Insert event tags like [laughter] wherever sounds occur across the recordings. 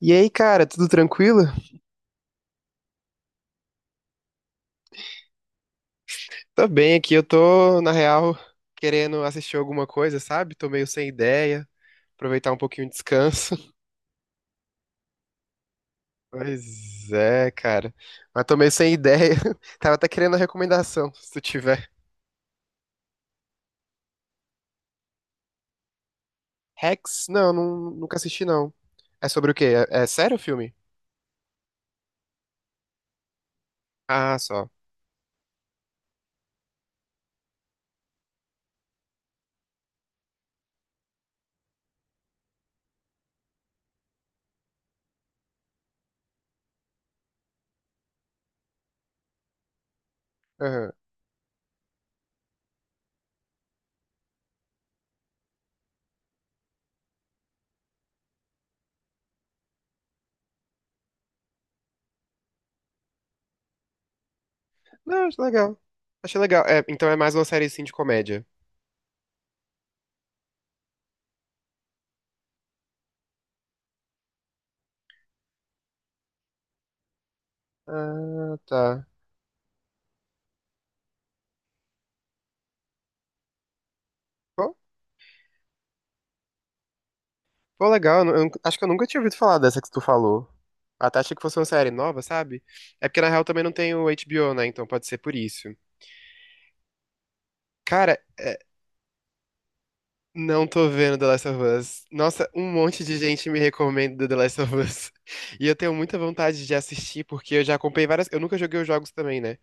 E aí, cara, tudo tranquilo? Tô bem aqui, eu tô, na real, querendo assistir alguma coisa, sabe? Tô meio sem ideia, aproveitar um pouquinho de descanso. [laughs] Pois é, cara. Mas tô meio sem ideia. [laughs] Tava até querendo a recomendação, se tu tiver. Rex? Não, nunca assisti, não. É sobre o quê? É sério o filme? Ah, só. Aham. Não, acho legal. Achei legal. É, então é mais uma série, assim, de comédia. Ah, tá. Pô, pô, legal. Acho que eu nunca tinha ouvido falar dessa que tu falou. Até achei que fosse uma série nova, sabe? É porque na real também não tem o HBO, né? Então pode ser por isso. Cara, é, não tô vendo The Last of Us. Nossa, um monte de gente me recomenda The Last of Us. [laughs] E eu tenho muita vontade de assistir, porque eu já acompanhei várias. Eu nunca joguei os jogos também, né?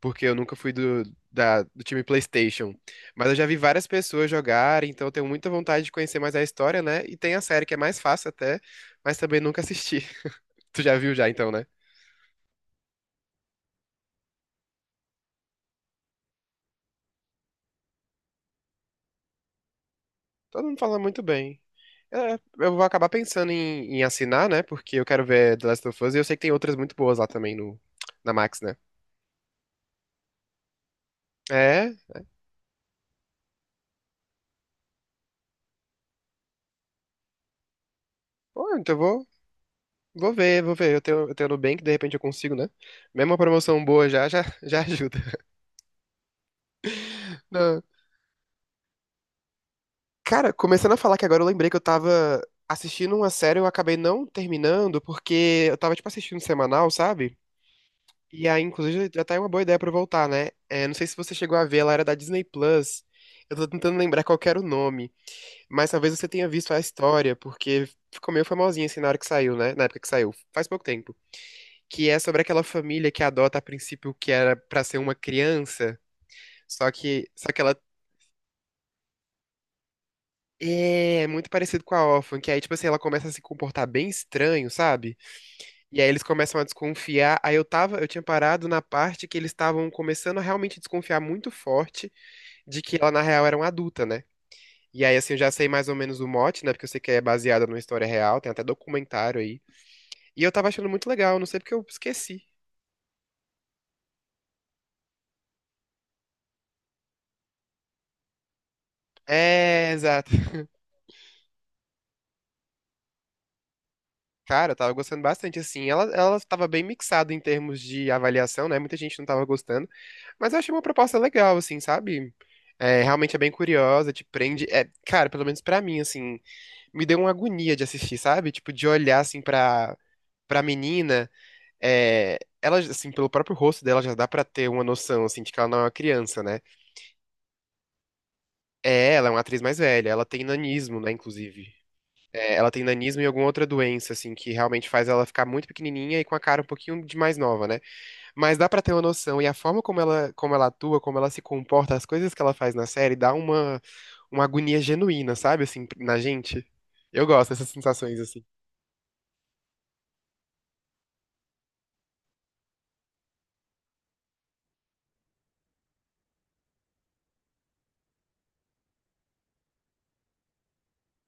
Porque eu nunca fui do time PlayStation. Mas eu já vi várias pessoas jogarem, então eu tenho muita vontade de conhecer mais a história, né? E tem a série que é mais fácil até, mas também nunca assisti. [laughs] Tu já viu já, então, né? Todo mundo falando muito bem. É, eu vou acabar pensando em assinar, né? Porque eu quero ver The Last of Us e eu sei que tem outras muito boas lá também no, na Max, né? É. Pô, então vou ver, vou ver. Eu tenho Nubank, de repente eu consigo, né? Mesmo uma promoção boa [laughs] já ajuda. Não. Cara, começando a falar que agora eu lembrei que eu tava assistindo uma série, eu acabei não terminando, porque eu tava, tipo, assistindo semanal, sabe? E aí, inclusive, já tá aí uma boa ideia pra eu voltar, né? É, não sei se você chegou a ver, ela era da Disney Plus. Eu tô tentando lembrar qual que era o nome, mas talvez você tenha visto a história, porque ficou meio famosinha assim na hora que saiu, né? Na época que saiu, faz pouco tempo. Que é sobre aquela família que adota a princípio o que era pra ser uma criança, só que ela é muito parecido com a Orphan, que aí, tipo assim, ela começa a se comportar bem estranho, sabe? E aí eles começam a desconfiar. Aí eu tava, eu tinha parado na parte que eles estavam começando a realmente desconfiar muito forte de que ela, na real, era uma adulta, né? E aí, assim, eu já sei mais ou menos o mote, né? Porque eu sei que é baseada numa história real, tem até documentário aí. E eu tava achando muito legal, não sei porque eu esqueci. É, exato. Cara, eu tava gostando bastante, assim. Ela tava bem mixada em termos de avaliação, né? Muita gente não tava gostando. Mas eu achei uma proposta legal, assim, sabe? É, realmente é bem curiosa, te prende. É, cara, pelo menos pra mim, assim, me deu uma agonia de assistir, sabe? Tipo, de olhar, assim, pra menina. É, ela, assim, pelo próprio rosto dela já dá pra ter uma noção, assim, de que ela não é uma criança, né? É, ela é uma atriz mais velha, ela tem nanismo, né, inclusive. É, ela tem nanismo e alguma outra doença, assim, que realmente faz ela ficar muito pequenininha e com a cara um pouquinho de mais nova, né? Mas dá pra ter uma noção, e a forma como ela atua, como ela se comporta, as coisas que ela faz na série, dá uma agonia genuína, sabe, assim, na gente. Eu gosto dessas sensações, assim.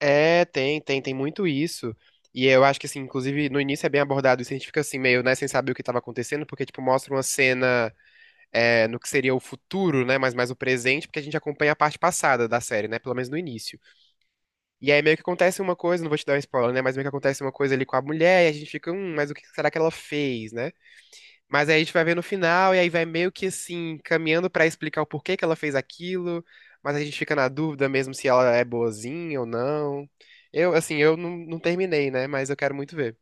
É, tem muito isso. E eu acho que, assim, inclusive, no início é bem abordado isso, a gente fica assim, meio, né, sem saber o que estava acontecendo, porque, tipo, mostra uma cena é, no que seria o futuro, né, mas mais o presente, porque a gente acompanha a parte passada da série, né, pelo menos no início. E aí meio que acontece uma coisa, não vou te dar um spoiler, né, mas meio que acontece uma coisa ali com a mulher, e a gente fica, mas o que será que ela fez, né? Mas aí a gente vai ver no final, e aí vai meio que assim, caminhando pra explicar o porquê que ela fez aquilo, mas a gente fica na dúvida mesmo se ela é boazinha ou não. Eu, assim, eu não terminei, né? Mas eu quero muito ver.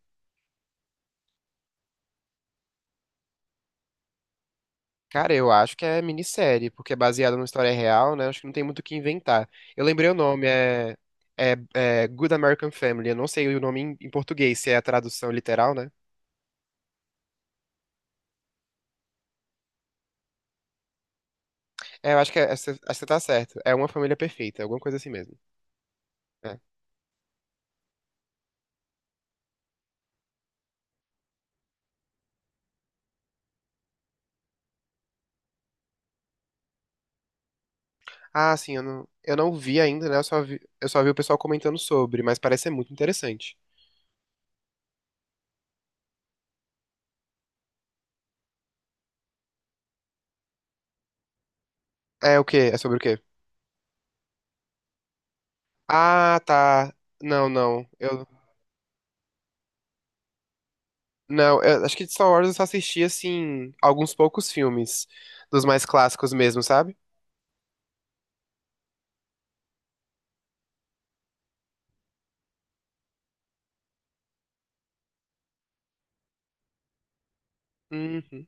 Cara, eu acho que é minissérie, porque é baseada numa história real, né? Acho que não tem muito o que inventar. Eu lembrei o nome, é Good American Family. Eu não sei o nome em, em português, se é a tradução literal, né? É, eu acho que é, essa- acho que você tá certo. É Uma Família Perfeita, alguma coisa assim mesmo. É. Ah, sim, eu eu não vi ainda, né? Eu só vi o pessoal comentando sobre, mas parece ser muito interessante. É o quê? É sobre o quê? Ah, tá. Não, não. Eu não, eu acho que de Star Wars eu só assisti assim alguns poucos filmes dos mais clássicos mesmo, sabe? Uhum.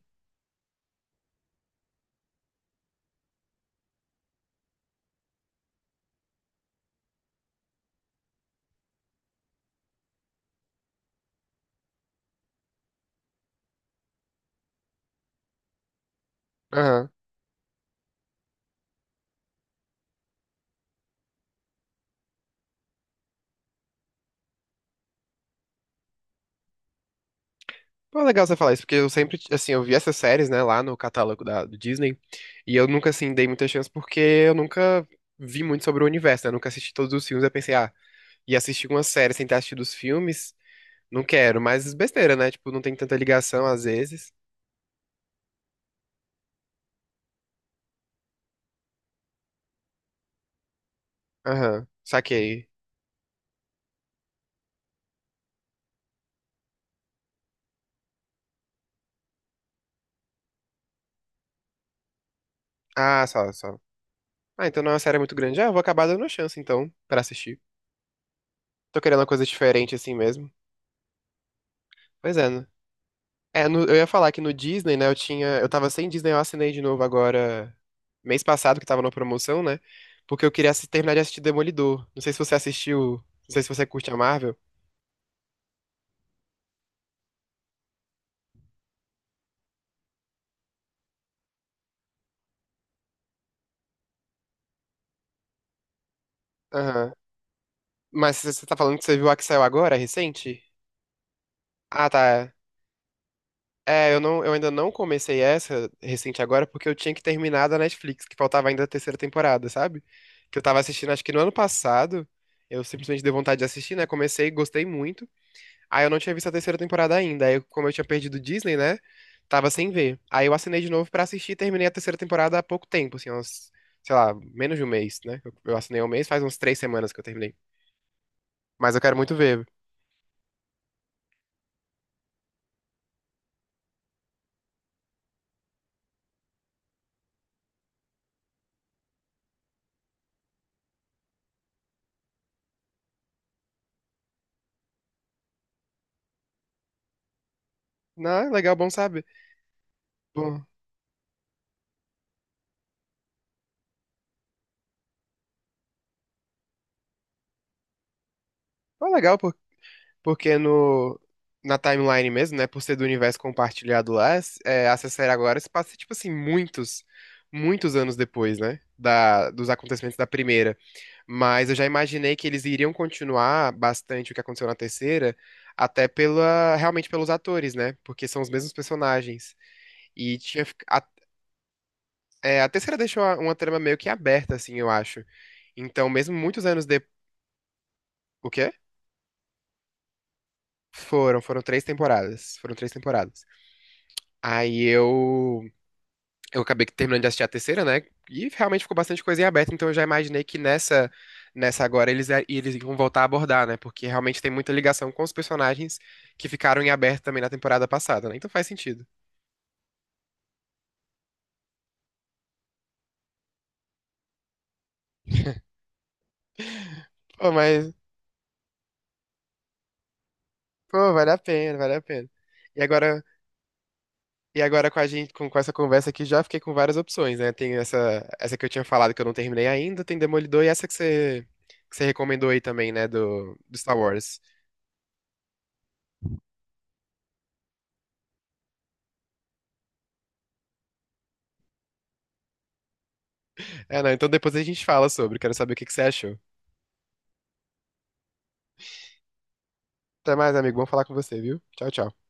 Aham. Pô, legal você falar isso, porque eu sempre, assim, eu vi essas séries, né, lá no catálogo do Disney, e eu nunca, assim, dei muita chance porque eu nunca vi muito sobre o universo, né, eu nunca assisti todos os filmes, eu pensei, ah, ia assistir uma série sem ter assistido os filmes, não quero, mas besteira, né? Tipo, não tem tanta ligação às vezes. Aham, saquei. Ah, só, só. Ah, então não é uma série muito grande. Ah, eu vou acabar dando uma chance, então, pra assistir. Tô querendo uma coisa diferente assim mesmo. Pois é, né? É, no- eu ia falar que no Disney, né, eu tinha... Eu tava sem Disney, eu assinei de novo agora, mês passado, que tava na promoção, né? Porque eu queria terminar de assistir Demolidor. Não sei se você assistiu, não sei se você curte a Marvel. Aham. Mas você tá falando que você viu a que saiu agora, recente? Ah, tá. é. É, eu não, eu ainda não comecei essa recente agora porque eu tinha que terminar da Netflix, que faltava ainda a terceira temporada, sabe? Que eu tava assistindo, acho que no ano passado, eu simplesmente dei vontade de assistir, né? Comecei, gostei muito. Aí eu não tinha visto a terceira temporada ainda. Aí, como eu tinha perdido o Disney, né? Tava sem ver. Aí eu assinei de novo pra assistir e terminei a terceira temporada há pouco tempo, assim, uns, sei lá, menos de um mês, né? Eu assinei há um mês, faz uns 3 semanas que eu terminei. Mas eu quero muito ver. Não, é legal, bom sabe? Bom, é legal. Porque no, na timeline mesmo, né? Por ser do universo compartilhado lá, é, essa série agora se passa, tipo assim, muitos, muitos anos depois, né? Da, dos acontecimentos da primeira. Mas eu já imaginei que eles iriam continuar bastante o que aconteceu na terceira, até pela, realmente pelos atores, né? Porque são os mesmos personagens. E tinha, fic- a, é, a terceira deixou a- uma trama meio que aberta, assim, eu acho. Então, mesmo muitos anos depois. O quê? Foram três temporadas. Foram três temporadas. Aí eu acabei que terminando de assistir a terceira, né? E realmente ficou bastante coisa em aberto, então eu já imaginei que nessa, nessa agora eles iam voltar a abordar, né? Porque realmente tem muita ligação com os personagens que ficaram em aberto também na temporada passada, né? Então faz sentido. Pô, mas, pô, vale a pena, vale a pena. E agora, e agora com a gente, com essa conversa aqui, já fiquei com várias opções, né? Tem essa, essa que eu tinha falado que eu não terminei ainda, tem Demolidor e essa que você recomendou aí também, né? Do, do Star Wars. É, não, então depois a gente fala sobre, quero saber o que que você achou. Até mais, amigo. Vamos falar com você, viu? Tchau, tchau.